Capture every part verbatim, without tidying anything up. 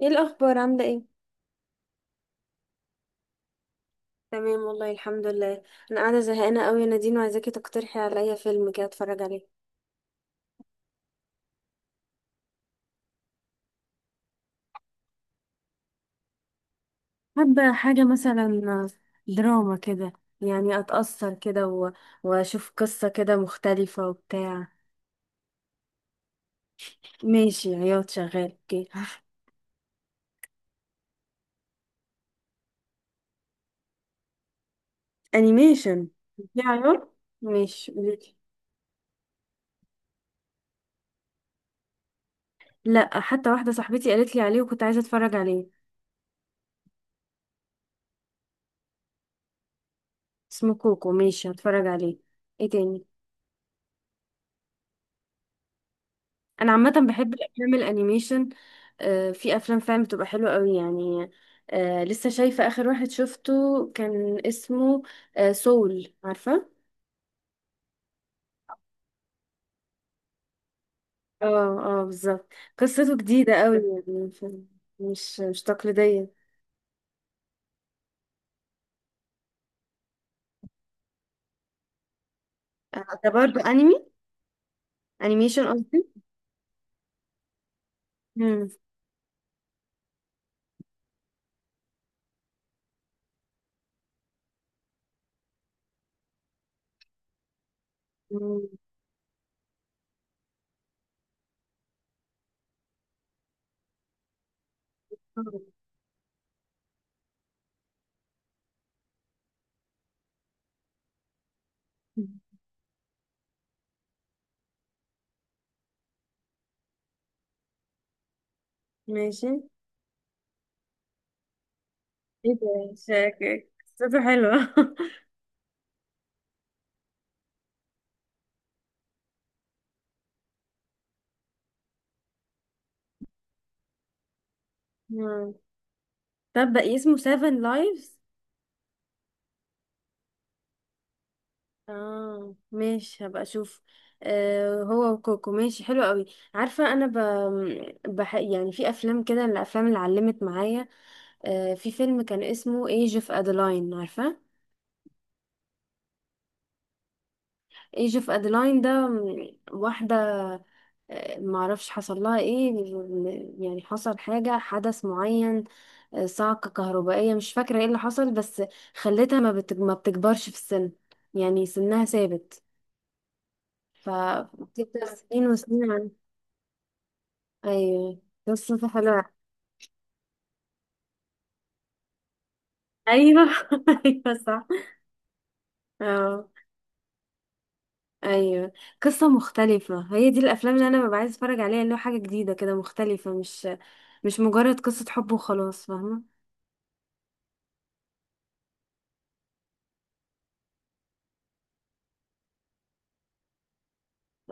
ايه الاخبار؟ عامله ايه؟ تمام والله، الحمد لله. انا قاعده زهقانه قوي يا نادين، وعايزاكي تقترحي عليا فيلم كده اتفرج عليه. حابة حاجة مثلا دراما كده، يعني أتأثر كده و... وأشوف قصة كده مختلفة وبتاع. ماشي، عياط شغال، اوكي. أنيميشن، في عياط؟ ماشي، قوليلي. لأ، حتى واحدة صاحبتي قالت لي عليه وكنت عايزة أتفرج عليه. اسمه كوكو، ماشي، هتفرج عليه. ايه تاني؟ انا عامه بحب الافلام الانيميشن. آه، في افلام فعلا بتبقى حلوه قوي يعني. آه، لسه شايفه، اخر واحد شفته كان اسمه، آه، سول، عارفه؟ اه. اه بالظبط. قصته جديده قوي يعني ف- مش مش تقليديه. آه، ده برضو انمي، انيميشن قصدي. مم. مم. ماشي. ايه ده؟ شاكك، قصته حلوه. مم. طب بقى اسمه سيفن لايفز؟ اه ماشي، هبقى اشوف. آه، هو وكوكو، ماشي، حلو قوي. عارفه انا ب... بح... يعني في افلام كده، الافلام اللي علمت معايا. آه، في فيلم كان اسمه ايج اوف ادلاين، عارفه؟ ايج اوف ادلاين ده م- واحده، آه، معرفش حصل لها ايه، م- يعني حصل حاجه، حدث معين، آه، صعقه كهربائيه، مش فاكره ايه اللي حصل، بس خلتها ما, بت... ما بتكبرش في السن، يعني سنها ثابت. ف بتفضل سنين وسنين. ايوه، قصة حلوة. ايوه. ايوه صح. اه. ايوه، قصة مختلفة. هي دي الافلام اللي انا ببقى عايز اتفرج عليها، اللي هو حاجة جديدة كده مختلفة، مش مش مجرد قصة حب وخلاص، فاهمة؟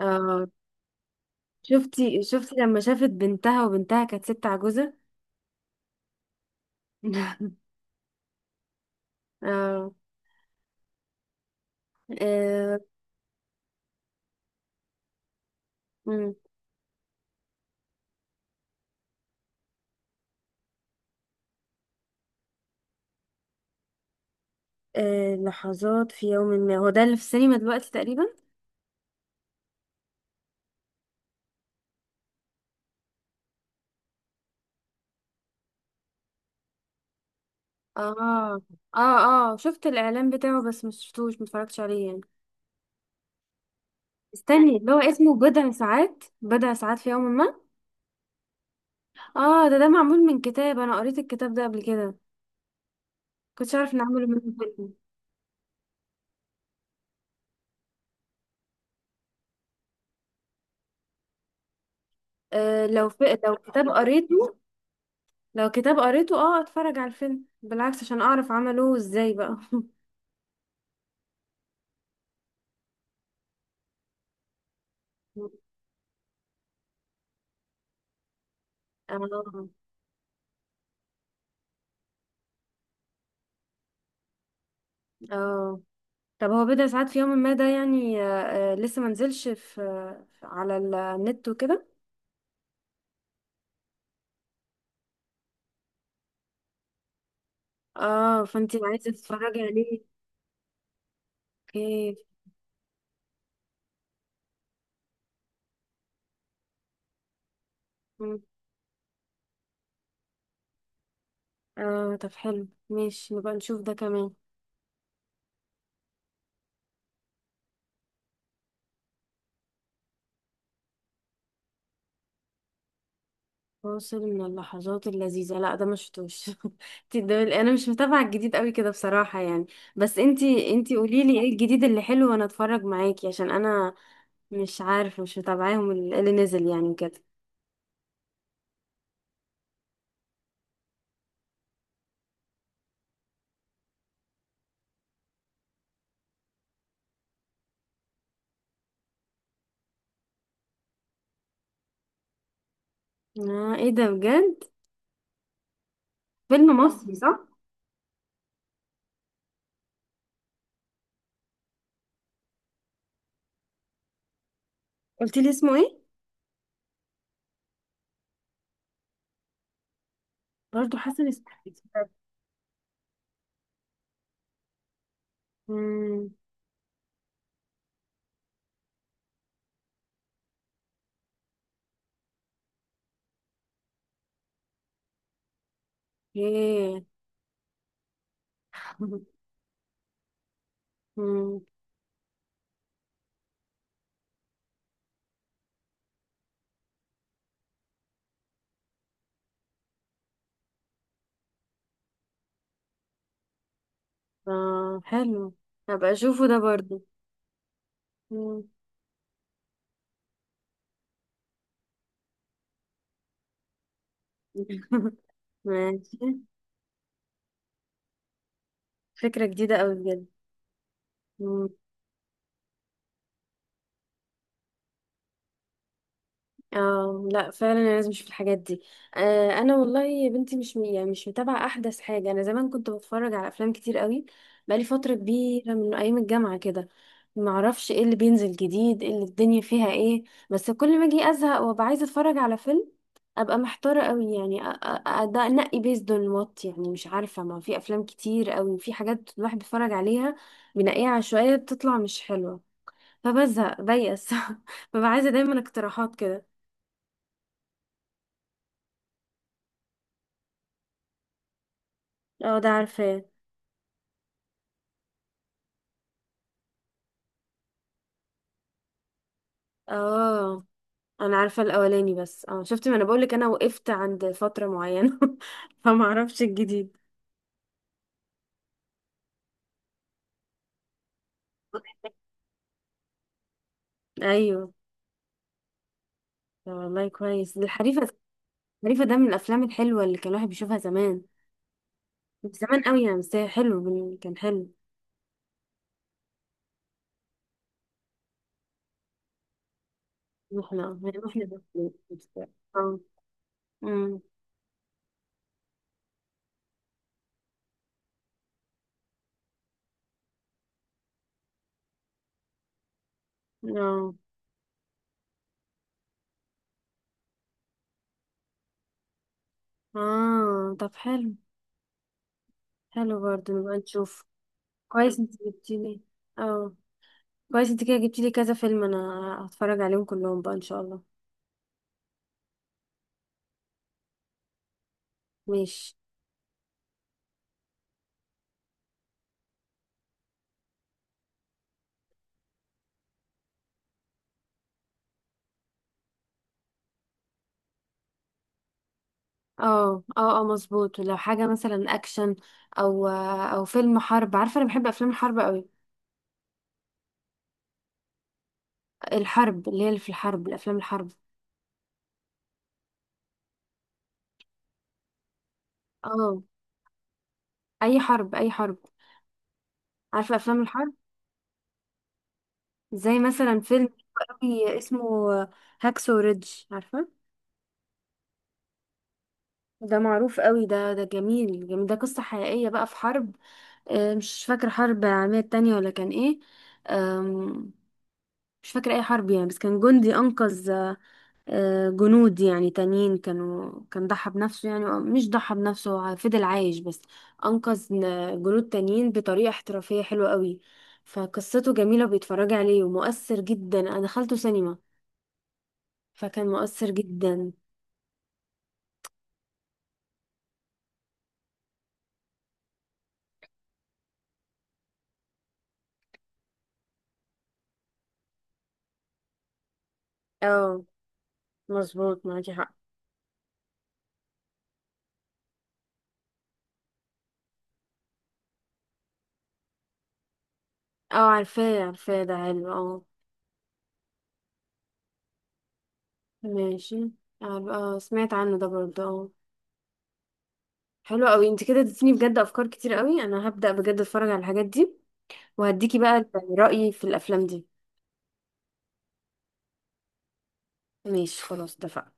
اه شفتي شفتي لما شافت بنتها وبنتها كانت ست عجوزة. اه. آه. مم. آه، لحظات في يوم ما، هو ده اللي في السينما دلوقتي تقريبا. اه. اه اه، شفت الاعلان بتاعه، بس مش شفتوش، متفرجتش عليه يعني. استني، اللي هو اسمه بضع ساعات، بضع ساعات في يوم ما. اه، ده ده معمول من كتاب، انا قريت الكتاب ده قبل كده، كنتش عارف ان عملوا منه فيلم. آه لو في، لو كتاب قريته، لو كتاب قريته اه اتفرج على الفيلم، بالعكس عشان اعرف عملوه ازاي بقى. اه. اه طب، هو بضع ساعات في يوم ما ده يعني، آه آه لسه منزلش في، آه، على النت وكده. اه، فانتي عايزة تتفرجي عليه. اوكي. مم. اه طب حلو، ماشي، نبقى نشوف ده كمان. فاصل من اللحظات اللذيذة؟ لا، ده مش شفتوش. انتي ده- انا مش متابعة الجديد قوي كده بصراحة يعني. بس انتي انتي قوليلي ايه الجديد اللي حلو وانا اتفرج معاكي، عشان انا مش عارفة، مش متابعاهم ال- اللي نزل يعني كده. اه ايه ده بجد؟ فيلم مصري صح؟ قلتيلي اسمه ايه؟ برضو حسن اسماعيل؟ امم. ايه. امم. اه حلو، هبقى اشوفه ده برضو. مم. ماشي، فكرة جديدة قوي بجد. اه لا فعلا، انا لازم اشوف الحاجات دي. آه انا والله يا بنتي مش م- يعني مش متابعه احدث حاجه. انا زمان كنت بتفرج على افلام كتير قوي، بقالي فتره كبيره من ايام الجامعه كده. ما اعرفش ايه اللي بينزل جديد، ايه اللي الدنيا فيها ايه. بس كل ما اجي ازهق وابقى عايزه اتفرج على فيلم، ابقى محتاره قوي يعني. أ- أ- أ- ده انقي بيزد اون وات، يعني مش عارفه، ما في افلام كتير قوي، في حاجات الواحد بيتفرج عليها، بنقيها عشوائيه، بتطلع مش حلوه. فبزهق بيأس. ببقى عايزه دايما اقتراحات كده. اه ده عارفاه. اه انا عارفه الاولاني، بس اه شفت، ما انا بقولك انا وقفت عند فتره معينه. فما اعرفش الجديد. ايوه. طب والله كويس الحريفه. الحريفه ده من الافلام الحلوه اللي كان الواحد بيشوفها زمان، زمان قوي يعني، بس هي حلو بال- كان حلو. واحنا، واحنا بس- اه. امم. اه. اه طب حلو، حلو برضه، نبقى نشوف. كويس انت جبتيلي. اه، كويس انت كده جبتيلي كذا فيلم، انا هتفرج عليهم كلهم بقى ان شاء الله. ماشي. اه اه اه مظبوط، لو حاجة مثلا اكشن، او او فيلم حرب، عارفة انا بحب افلام الحرب قوي. الحرب اللي هي اللي في الحرب، الافلام الحرب. اه اي حرب، اي حرب، عارفة افلام الحرب، زي مثلا فيلم قوي اسمه هاكسو ريدج، عارفة؟ ده معروف قوي ده، ده جميل جميل، ده قصة حقيقية بقى في حرب، آه، مش فاكرة حرب العالمية التانية ولا كان ايه، آم، مش فاكرة اي حرب يعني، بس كان جندي انقذ، آه، جنود يعني تانيين، كانوا، كان ضحى بنفسه، يعني مش ضحى بنفسه، هو فضل عايش، بس أنقذ ن- جنود تانيين بطريقة احترافية حلوة قوي. فقصته جميلة، بيتفرج عليه ومؤثر جدا. أنا دخلته سينما فكان مؤثر جدا. اه مظبوط، معاكي حق. اه عارفاه عارفاه، ده حلو اه. ماشي. عارف- اه سمعت عنه ده برضه، اه. حلو قوي، انت كده اديتيني بجد افكار كتير قوي، انا هبدأ بجد اتفرج على الحاجات دي، وهديكي بقى رأيي في الافلام دي. ماشي، خلاص، اتفقنا.